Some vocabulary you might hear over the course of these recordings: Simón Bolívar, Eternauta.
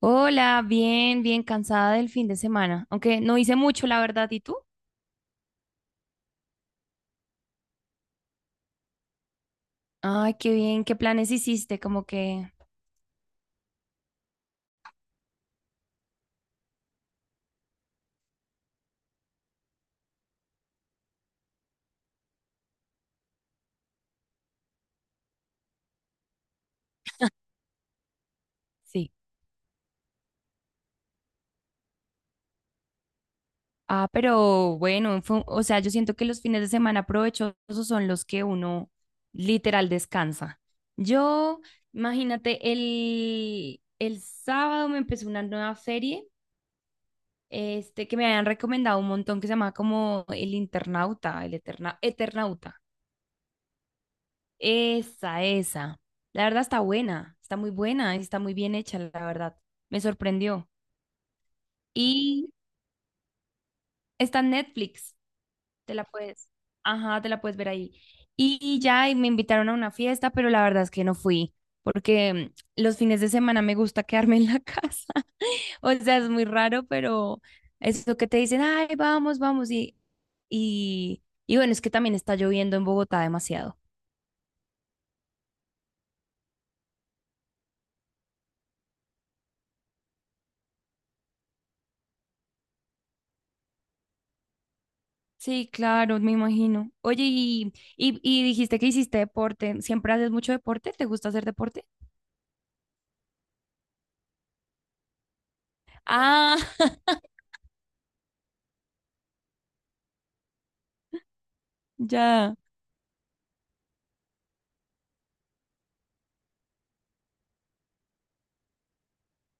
Hola, bien, bien cansada del fin de semana, aunque no hice mucho, la verdad, ¿y tú? Ay, qué bien, ¿qué planes hiciste? Como que, sí, ah, pero bueno, o sea, yo siento que los fines de semana provechosos son los que uno literal descansa. Yo, imagínate, el sábado me empezó una nueva serie, que me habían recomendado un montón, que se llama como El Internauta, Eternauta. Esa, esa. La verdad está buena, está muy buena, y está muy bien hecha, la verdad. Me sorprendió. Y está en Netflix, te la puedes, ajá, te la puedes ver ahí. Y me invitaron a una fiesta, pero la verdad es que no fui, porque los fines de semana me gusta quedarme en la casa. O sea, es muy raro, pero eso que te dicen, ay, vamos, vamos, y bueno, es que también está lloviendo en Bogotá demasiado. Sí, claro, me imagino. Oye, y dijiste que hiciste deporte. ¿Siempre haces mucho deporte? ¿Te gusta hacer deporte? Ah, ya.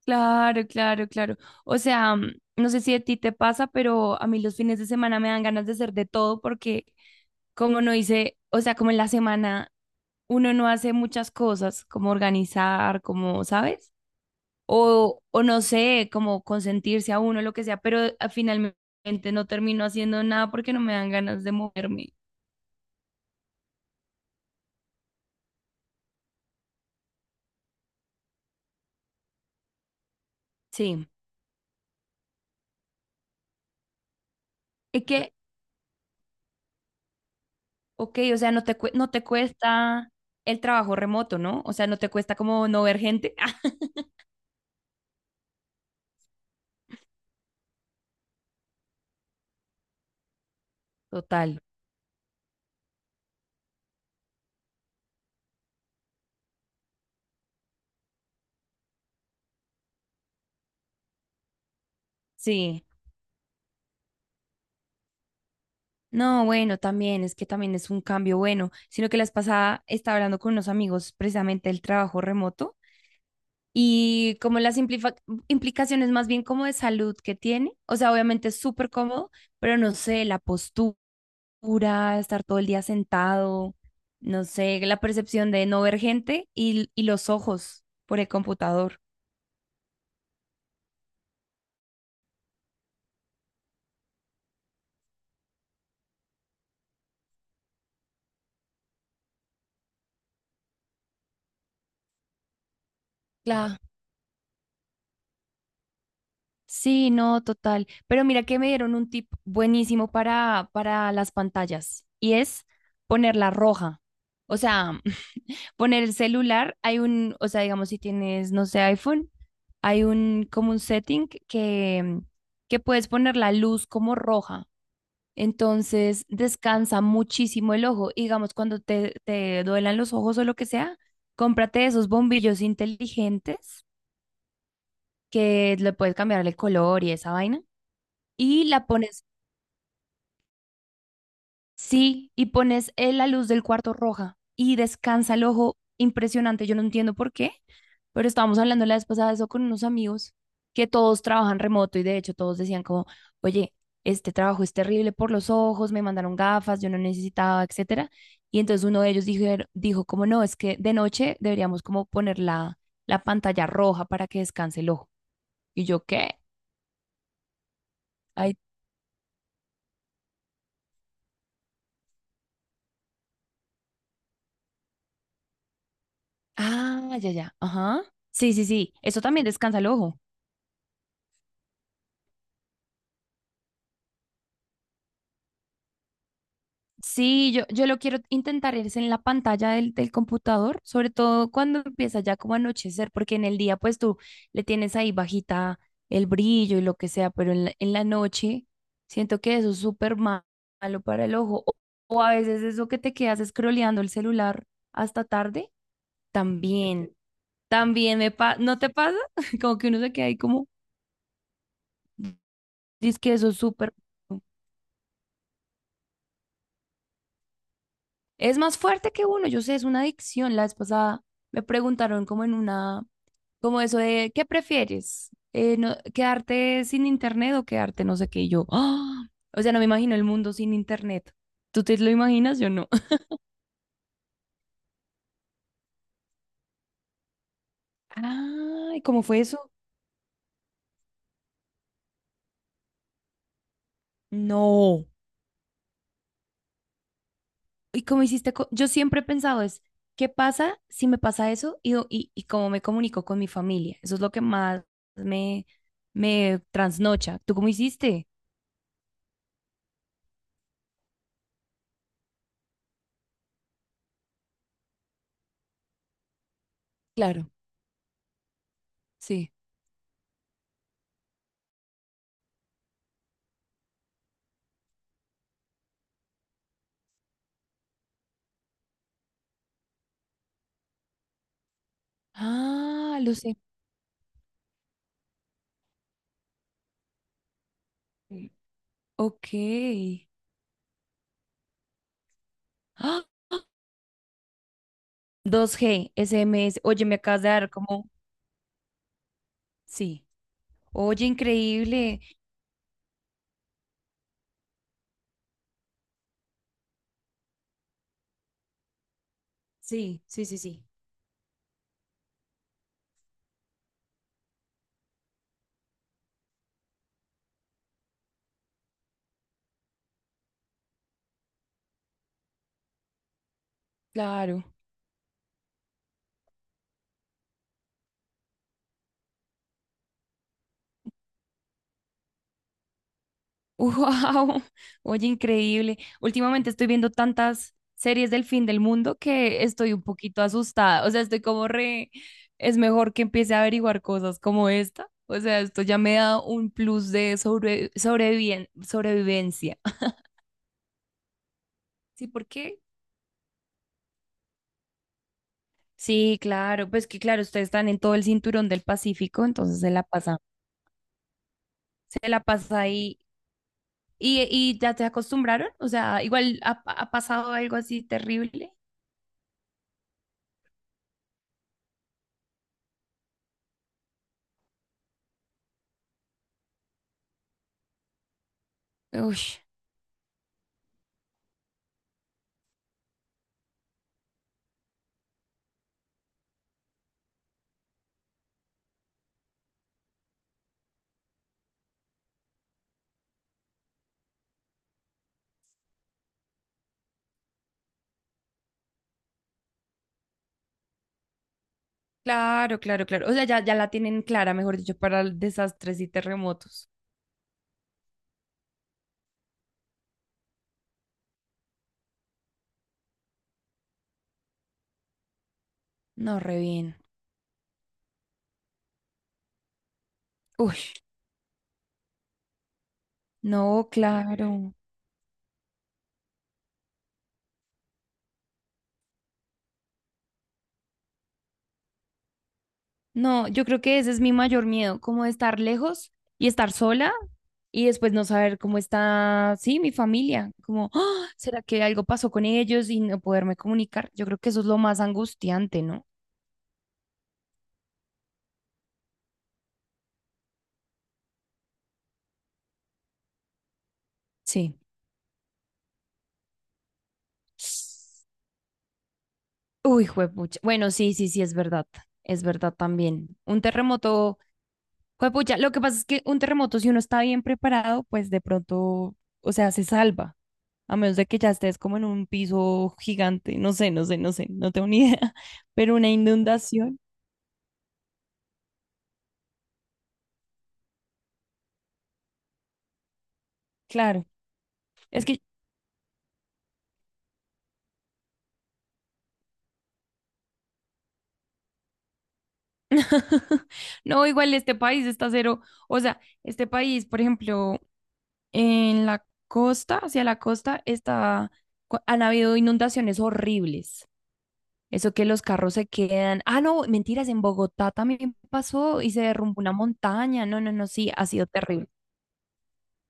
Claro, claro, claro. O sea, no sé si a ti te pasa, pero a mí los fines de semana me dan ganas de hacer de todo porque como no hice, o sea, como en la semana uno no hace muchas cosas, como organizar, como, ¿sabes? O no sé, como consentirse a uno, lo que sea, pero finalmente no termino haciendo nada porque no me dan ganas de moverme. Sí, es que, ok, o sea, no te cuesta el trabajo remoto, ¿no? O sea, no te cuesta como no ver gente. Total, sí. No, bueno, también, es que también es un cambio bueno, sino que las pasada estaba hablando con unos amigos precisamente del trabajo remoto y como implicaciones más bien como de salud que tiene, o sea, obviamente es súper cómodo, pero no sé, la postura oscura, estar todo el día sentado, no sé, la percepción de no ver gente y los ojos por el computador. Claro. Sí, no, total. Pero mira que me dieron un tip buenísimo para las pantallas y es ponerla roja. O sea, poner el celular, hay un, o sea, digamos, si tienes, no sé, iPhone, hay un, como un setting que puedes poner la luz como roja. Entonces descansa muchísimo el ojo. Y digamos, cuando te duelan los ojos o lo que sea, cómprate esos bombillos inteligentes que le puedes cambiar el color y esa vaina. Y la pones sí, y pones la luz del cuarto roja y descansa el ojo impresionante. Yo no entiendo por qué, pero estábamos hablando la vez pasada de eso con unos amigos que todos trabajan remoto y de hecho todos decían como, oye, este trabajo es terrible por los ojos, me mandaron gafas, yo no necesitaba, etcétera. Y entonces uno de ellos dijo, dijo como no, es que de noche deberíamos como poner la, la pantalla roja para que descanse el ojo. Y yo, ¿qué? Ay, ah, ya, ya, ajá. Sí, sí, sí, eso también descansa el ojo. Sí, yo lo quiero intentar es en la pantalla del computador, sobre todo cuando empieza ya como a anochecer, porque en el día pues tú le tienes ahí bajita el brillo y lo que sea, pero en la noche siento que eso es malo para el ojo. O a veces eso que te quedas scrolleando el celular hasta tarde, también, también me pasa, ¿no te pasa? Como que uno se queda ahí como, dice que eso es súper. Es más fuerte que uno, yo sé, es una adicción. La vez pasada me preguntaron como en una, como eso de, ¿qué prefieres? No, ¿quedarte sin internet o quedarte no sé qué? Y yo, ¡ah! O sea, no me imagino el mundo sin internet. ¿Tú te lo imaginas? Yo no. Ay, ¿cómo fue eso? No. ¿Y cómo hiciste? Yo siempre he pensado es, ¿qué pasa si me pasa eso? Y, y cómo me comunico con mi familia. Eso es lo que más me, me trasnocha. ¿Tú cómo hiciste? Claro, sí. Ah, ok. ¡Ah! 2G, SMS. Oye, me acabas de dar como... Sí. Oye, increíble. Sí, sí, sí, sí. Claro. Wow. Oye, increíble. Últimamente estoy viendo tantas series del fin del mundo que estoy un poquito asustada. O sea, estoy como re... Es mejor que empiece a averiguar cosas como esta. O sea, esto ya me da un plus de sobrevivencia. Sí, porque sí, claro, pues que claro, ustedes están en todo el cinturón del Pacífico, entonces se la pasa ahí. ¿Y ya te acostumbraron? O sea, igual ha, ha pasado algo así terrible. Uy, claro, claro, claro. O sea, ya, ya la tienen clara, mejor dicho, para desastres y terremotos. No, re bien. Uy, no, claro. No, yo creo que ese es mi mayor miedo, como de estar lejos y estar sola y después no saber cómo está, sí, mi familia, como, ¡ah! ¿Será que algo pasó con ellos y no poderme comunicar? Yo creo que eso es lo más angustiante, ¿no? Sí. Uy, juepucha. Bueno, sí, sí, sí, es verdad. Es verdad también. Un terremoto juepucha, lo que pasa es que un terremoto, si uno está bien preparado, pues de pronto, o sea, se salva. A menos de que ya estés como en un piso gigante, no sé, no sé, no sé, no tengo ni idea. Pero una inundación, claro. Es que, no, igual este país está cero. O sea, este país, por ejemplo, en la costa, hacia la costa, está, han habido inundaciones horribles. Eso que los carros se quedan. Ah, no, mentiras, en Bogotá también pasó y se derrumbó una montaña. No, no, no, sí, ha sido terrible.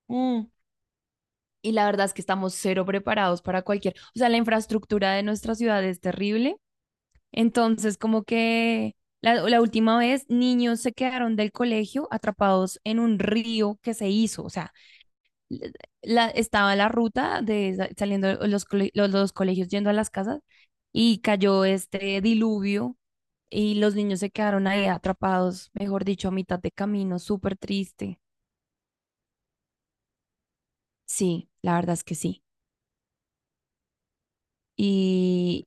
Mm. Y la verdad es que estamos cero preparados para cualquier. O sea, la infraestructura de nuestra ciudad es terrible. Entonces, como que la última vez, niños se quedaron del colegio atrapados en un río que se hizo. O sea, la, estaba la ruta de saliendo los, los colegios yendo a las casas y cayó este diluvio y los niños se quedaron ahí atrapados, mejor dicho, a mitad de camino, súper triste. Sí, la verdad es que sí. Y,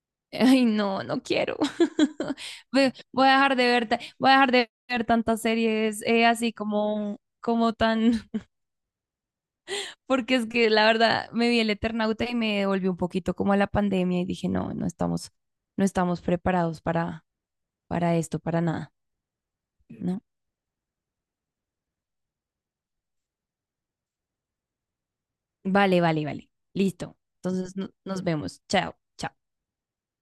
ay, no, no quiero. Voy a dejar de ver, voy a dejar de ver tantas series así como, como tan porque es que la verdad me vi el Eternauta y me devolvió un poquito como a la pandemia y dije, no, no estamos, no estamos preparados para esto, para nada, ¿no? Vale, vale, vale. Listo. Entonces nos vemos. Chao, chao.